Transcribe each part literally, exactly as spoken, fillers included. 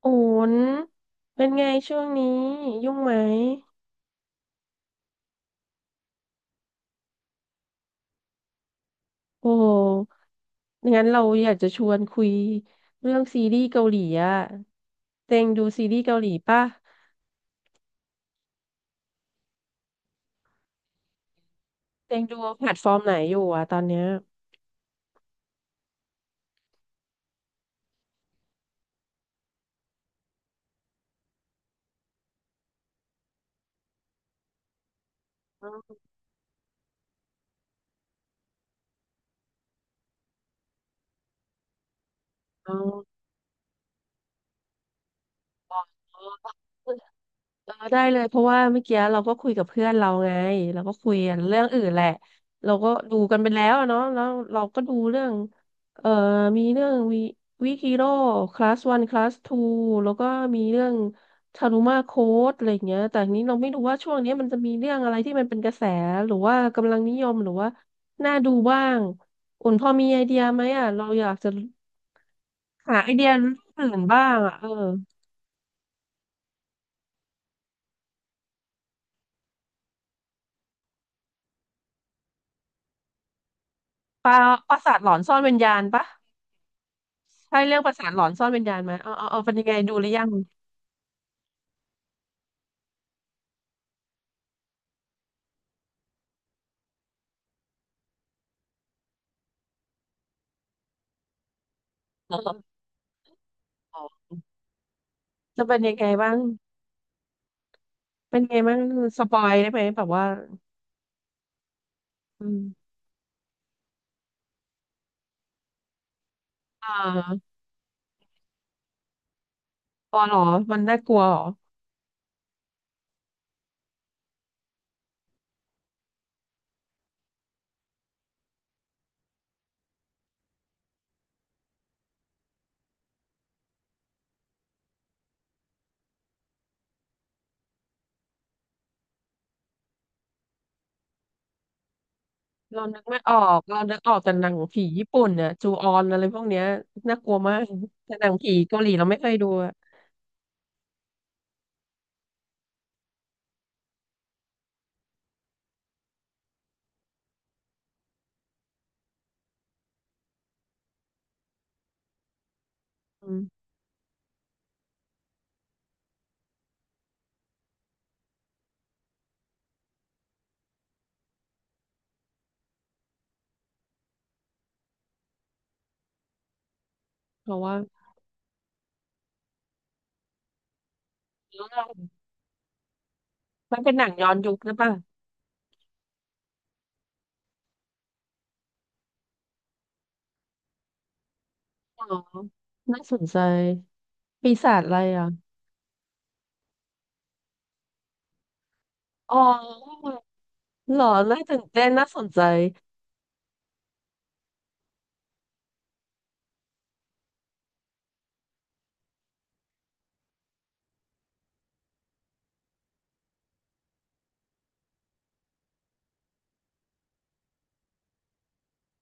โอ้นเป็นไงช่วงนี้ยุ่งไหมโอ้โหงั้นเราอยากจะชวนคุยเรื่องซีรีส์เกาหลีอะเต็งดูซีรีส์เกาหลีป่ะเต็งดูแพลตฟอร์มไหนอยู่อะตอนเนี้ยอ๋อ เออได้เลยเพราะว่าเมื่อกี้เราก็คุยกับเพื่อนเราไงเราก็คุยกันเรื่องอื่นแหละเราก็ดูกันไปแล้วอะเนาะแล้วเราก็ดูเรื่องเอ่อมีเรื่องวิวิคิโร่คลาสวันคลาสทูแล้วก็มีเรื่องทารุมาโค้ดอะไรอย่างเงี้ยแต่ทีนี้เราไม่รู้ว่าช่วงเนี้ยมันจะมีเรื่องอะไรที่มันเป็นกระแสหรือว่ากำลังนิยมหรือว่าน่าดูบ้างอุ่นพอมีไอเดียไหมอ่ะเราอยากจะหาไอเดียอื่นบ้างอ่ะเออปลาปราสาทหลอนซ่อนวิญญาณปะ ใช่เรื่องประสานหลอนซ่อนวิญญาณไหมาเอาเอาเอาเป็นยังไงดูหรือยังเออเออจะเป็นยังไงบ้าง เป็นไงบ้างสปอยได้ไหมแบบว่าอืมอ่าปอเหรอมันน่ากลัวเหรอเรานึกไม่ออกเรานึกออกแต่หนังผีญี่ปุ่นเนี่ยจูออนอะไรพวกเนี้ยน่ากลัวมาก แต่หนังผีเกาหลีเราไม่เคยดูอะอืมเพราะว่ามันเป็นหนังย้อนยุคหรือเปล่าอ๋อน่าสนใจปีศาจอะไรอ่ะอ๋อเหรอน่าตื่นเต้นน่าสนใจ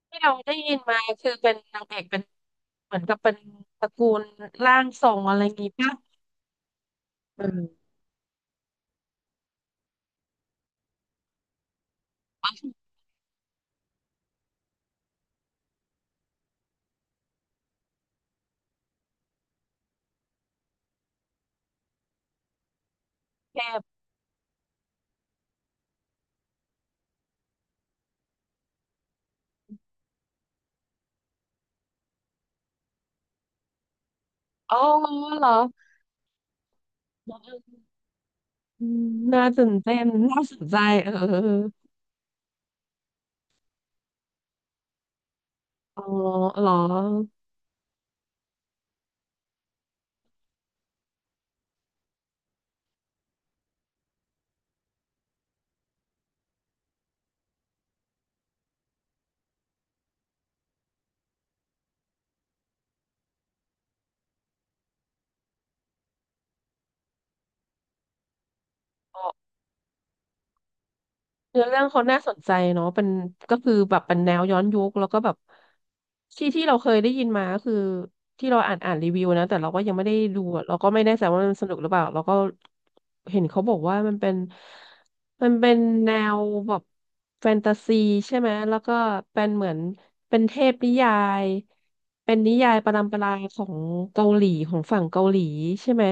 ที่เราได้ยินมาคือเป็นนางเอกเป็นเหมือนกับเป็นตระกูลร่างทรงอะไรงี้ป่ะอืมเทพอ๋อเหรออืมน่าตื่นเต้นน่าสนใจเออเออเอออ๋อเหรออ๋อ เนื้อเรื่องเขาน่าสนใจเนาะเป็นก็คือแบบเป็นแนวย้อนยุคแล้วก็แบบที่ที่เราเคยได้ยินมาก็คือที่เราอ่านอ่านรีวิวนะแต่เราก็ยังไม่ได้ดูอะเราก็ไม่แน่ใจว่ามันสนุกหรือเปล่าเราก็เห็นเขาบอกว่ามันเป็นมันเป็นแนวแบบแฟนตาซีใช่ไหมแล้วก็เป็นเหมือนเป็นเทพนิยายเป็นนิยายประดัมปราของเกาหลีของฝั่งเกาหลีใช่ไหม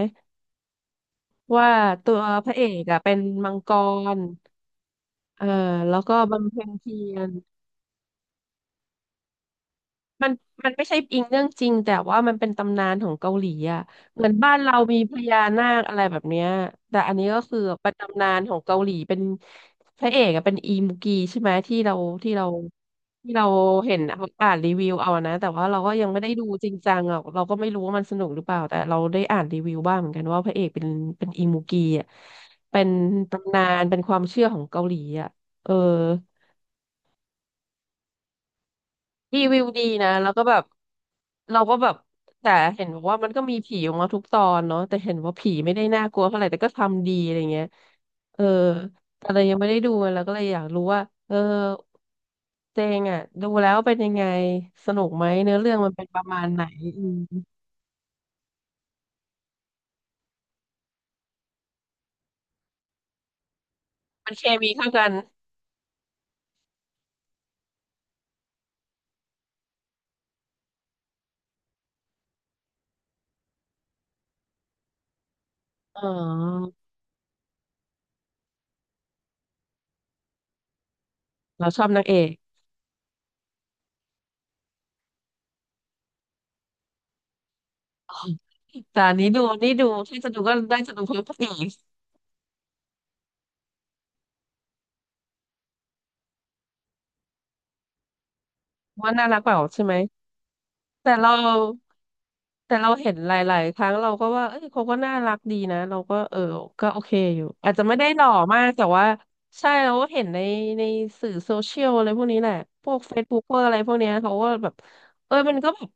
ว่าตัวพระเอกอะเป็นมังกร เออแล้วก็บำเพ็ญเพียรมันมันไม่ใช่อิงเรื่องจริงแต่ว่ามันเป็นตำนานของเกาหลีอ่ะเหมือนบ้านเรามีพญานาคอะไรแบบเนี้ยแต่อันนี้ก็คือเป็นตำนานของเกาหลีเป็นพระเอกอะเป็นอีมุกีใช่ไหมที่เราที่เราที่เราเห็นเอาอ่านรีวิวเอานะแต่ว่าเราก็ยังไม่ได้ดูจริงจังอ่ะเราก็ไม่รู้ว่ามันสนุกหรือเปล่าแต่เราได้อ่านรีวิวบ้างเหมือนกันว่าพระเอกเป็นเป็นอีมุกีอ่ะเป็นตำนานเป็นความเชื่อของเกาหลีอ่ะเออ รีวิวดีนะแล้วก็แบบเราก็แบบแต่เห็นบอกว่ามันก็มีผีออกมาทุกตอนเนาะแต่เห็นว่าผีไม่ได้น่ากลัวเท่าไหร่แต่ก็ทำดีอะไรเงี้ยเออแต่เรายังไม่ได้ดูแล้วก็เลยอยากรู้ว่าเออเจงอ่ะดูแล้วเป็นยังไงสนุกไหมเนื้อเรื่องมันเป็นประมาณไหนอืมมันเคมีเข้ากันอ๋อเราชอบนางเอกแต่อันนี้ดูนี่ดูที่จะดูก็ได้จะดูเพื่อพระเอกว่าน่ารักเปล่าใช่ไหม แต่เราแต่เราเห็นหลายๆครั้งเราก็ว่าเอ้ยเขาก็น่ารักดีนะเราก็เออก็โอเคอยู่อาจจะไม่ได้หล่อมากแต่ว่าใช่เราก็เห็นในในสื่อโซเชียลอะไรพวกนี้แหละพวกเฟซบุ๊กอะไรพวกเนี้ยเขาก็แบบเออมันก็แบบ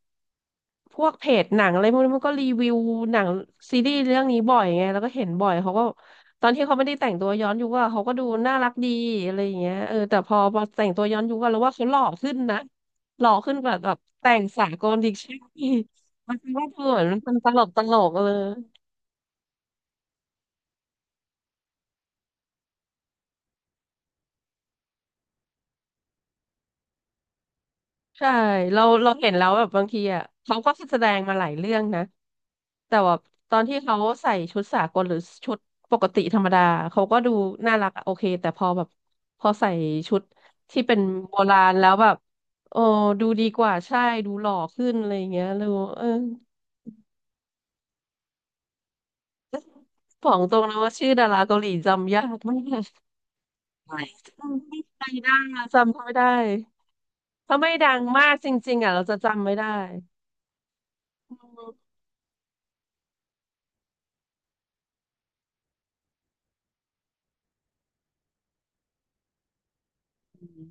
พวกเพจหนังอะไรพวกนี้มันก็รีวิวหนังซีรีส์เรื่องนี้บ่อยไงแล้วก็เห็นบ่อยเขาก็ตอนที่เขาไม่ได้แต่งตัวย้อนยุคอะเขาก็ดูน่ารักดีอะไรอย่างเงี้ยเออแต่พอพอแต่งตัวย้อนยุคอะเราว่าเขาหล่อขึ้นนะ หล่อขึ้นแบบแบบแต่งสากลดิกชันนีมันเป็นว่าเธอเหมือนมันตลกตลกเลยใช่เราเราเห็นแล้วแบบบางทีอ่ะเขาก็แสดงมาหลายเรื่องนะแต่ว่าตอนที่เขาใส่ชุดสากลหรือชุดปกติธรรมดาเขาก็ดูน่ารักอะโอเคแต่พอแบบพอใส่ชุดที่เป็นโบราณแล้วแบบโอ้ดูดีกว่าใช่ดูหล่อขึ้นอะไรอย่างเงี้ยดูเออ ของตรงนะว่าชื่อดาราเกาหลีจำยากมาก จำไม่ได้จำเขาไม่ได้ถ้าไม่ดังมากจริงๆอ่ะเราจะจำไม่ได้อืม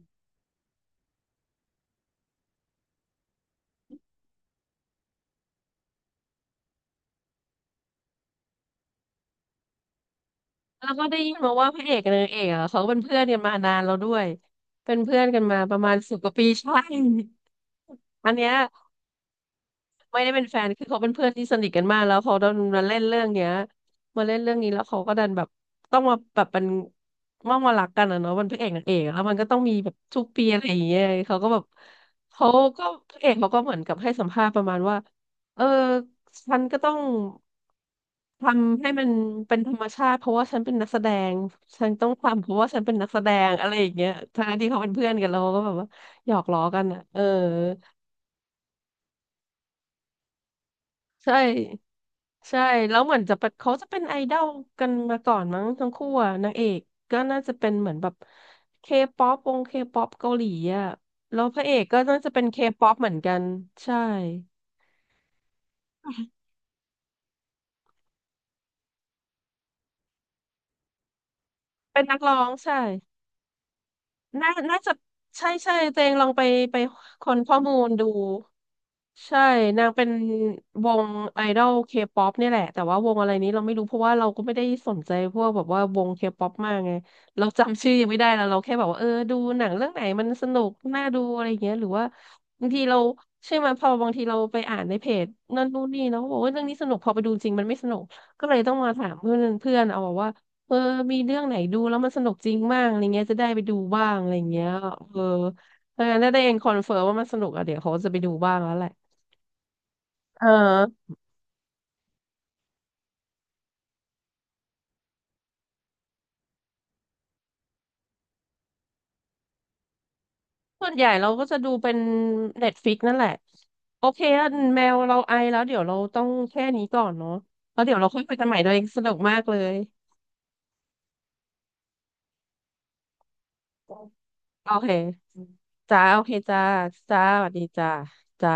แล้วก็ได้ยินมาว่าพระเอกกับนางเอกอ่ะเขาเป็นเพื่อนกันมานานแล้วด้วยเป็นเพื่อนกันมาประมาณสิบกว่าปีใช่อันเนี้ย ไม่ได้เป็นแฟน คือเขาเป็นเพื่อนที่สนิทกันมากแล้วเขาดันมาเล่นเรื่องเนี้ยมาเล่นเรื่องนี้แล้วเขาก็ดันแบบต้องมาแบบเป็นต้องมารักกันอะเนาะมันพระเอกนางเอกอะแล้วมันก็ต้องมีแบบทุกปีอะไรอย่างเงี้ยเขาก็แบบเขาก็พระเอกเขาก็เหมือนกับให้สัมภาษณ์ประมาณว่าเออฉันก็ต้องทำให้มันเป็นธรรมชาติเพราะว่าฉันเป็นนักแสดงฉันต้องทำเพราะว่าฉันเป็นนักแสดงอะไรอย่างเงี้ยทั้งที่เขาเป็นเพื่อนกันแล้วเขาก็แบบว่าหยอกล้อกันอะเออ ใช่ใช่แล้วเหมือนจะเป็นเขาจะเป็นไอดอลกันมาก่อนมั้งทั้งคู่อะนางเอกก็น่าจะเป็นเหมือนแบบเคป๊อปวงเคป๊อปเกาหลีอะแล้วพระเอกก็น่าจะเป็นเคป๊อปเหมือนกันใช่เป็นนักร้องใช่น่าน่าจะใช่ใช่เจงลองไปไปคนข้อมูลดู ใช่นางเป็นวงไอดอลเคป๊อปนี่ยแหละแต่ว่าวงอะไรนี้เราไม่รู้เพราะว่าเราก็ไม่ได้สนใจพวกแบบว่าวงเคป๊อปมากไงเราจำชื่อยังไม่ได้แล้วเราแค่แบบว่าเออดูหนังเรื่องไหนมันสนุกน่าดูอะไรอย่างเงี้ยหรือว่าบางทีเราใช่ไหมพอบางทีเราไปอ่านในเพจนั่นนู่นนี่เนาะบอกว่าเรื่องนี้สนุกพอไปดูจริงมันไม่สนุกก็เลยต้องมาถามเพื่อนเพื่อนเอาบอกว่าเออมีเรื่องไหนดูแล้วมันสนุกจริงบ้างอะไรเงี้ยจะได้ไปดูบ้างอะไรเงี้ยเออเออถ้าได้เองคอนเฟิร์มว่ามันสนุกอะเดี๋ยวเขาจะไปดูบ้างแล้วแหละ เออส่วนใหญ่เราก็จะดูเป็นเน็ตฟิกนั่นแหละโอเคอะแมวเราไอแล้วเดี๋ยวเราต้องแค่นี้ก่อนเนาะแล้วเดี๋ยวเราค่อยคุยกันใหม่ด้วยสนุกมากเลยโอเคจ้าโอเคจ้าจ้าสวัสดีจ้าจ้า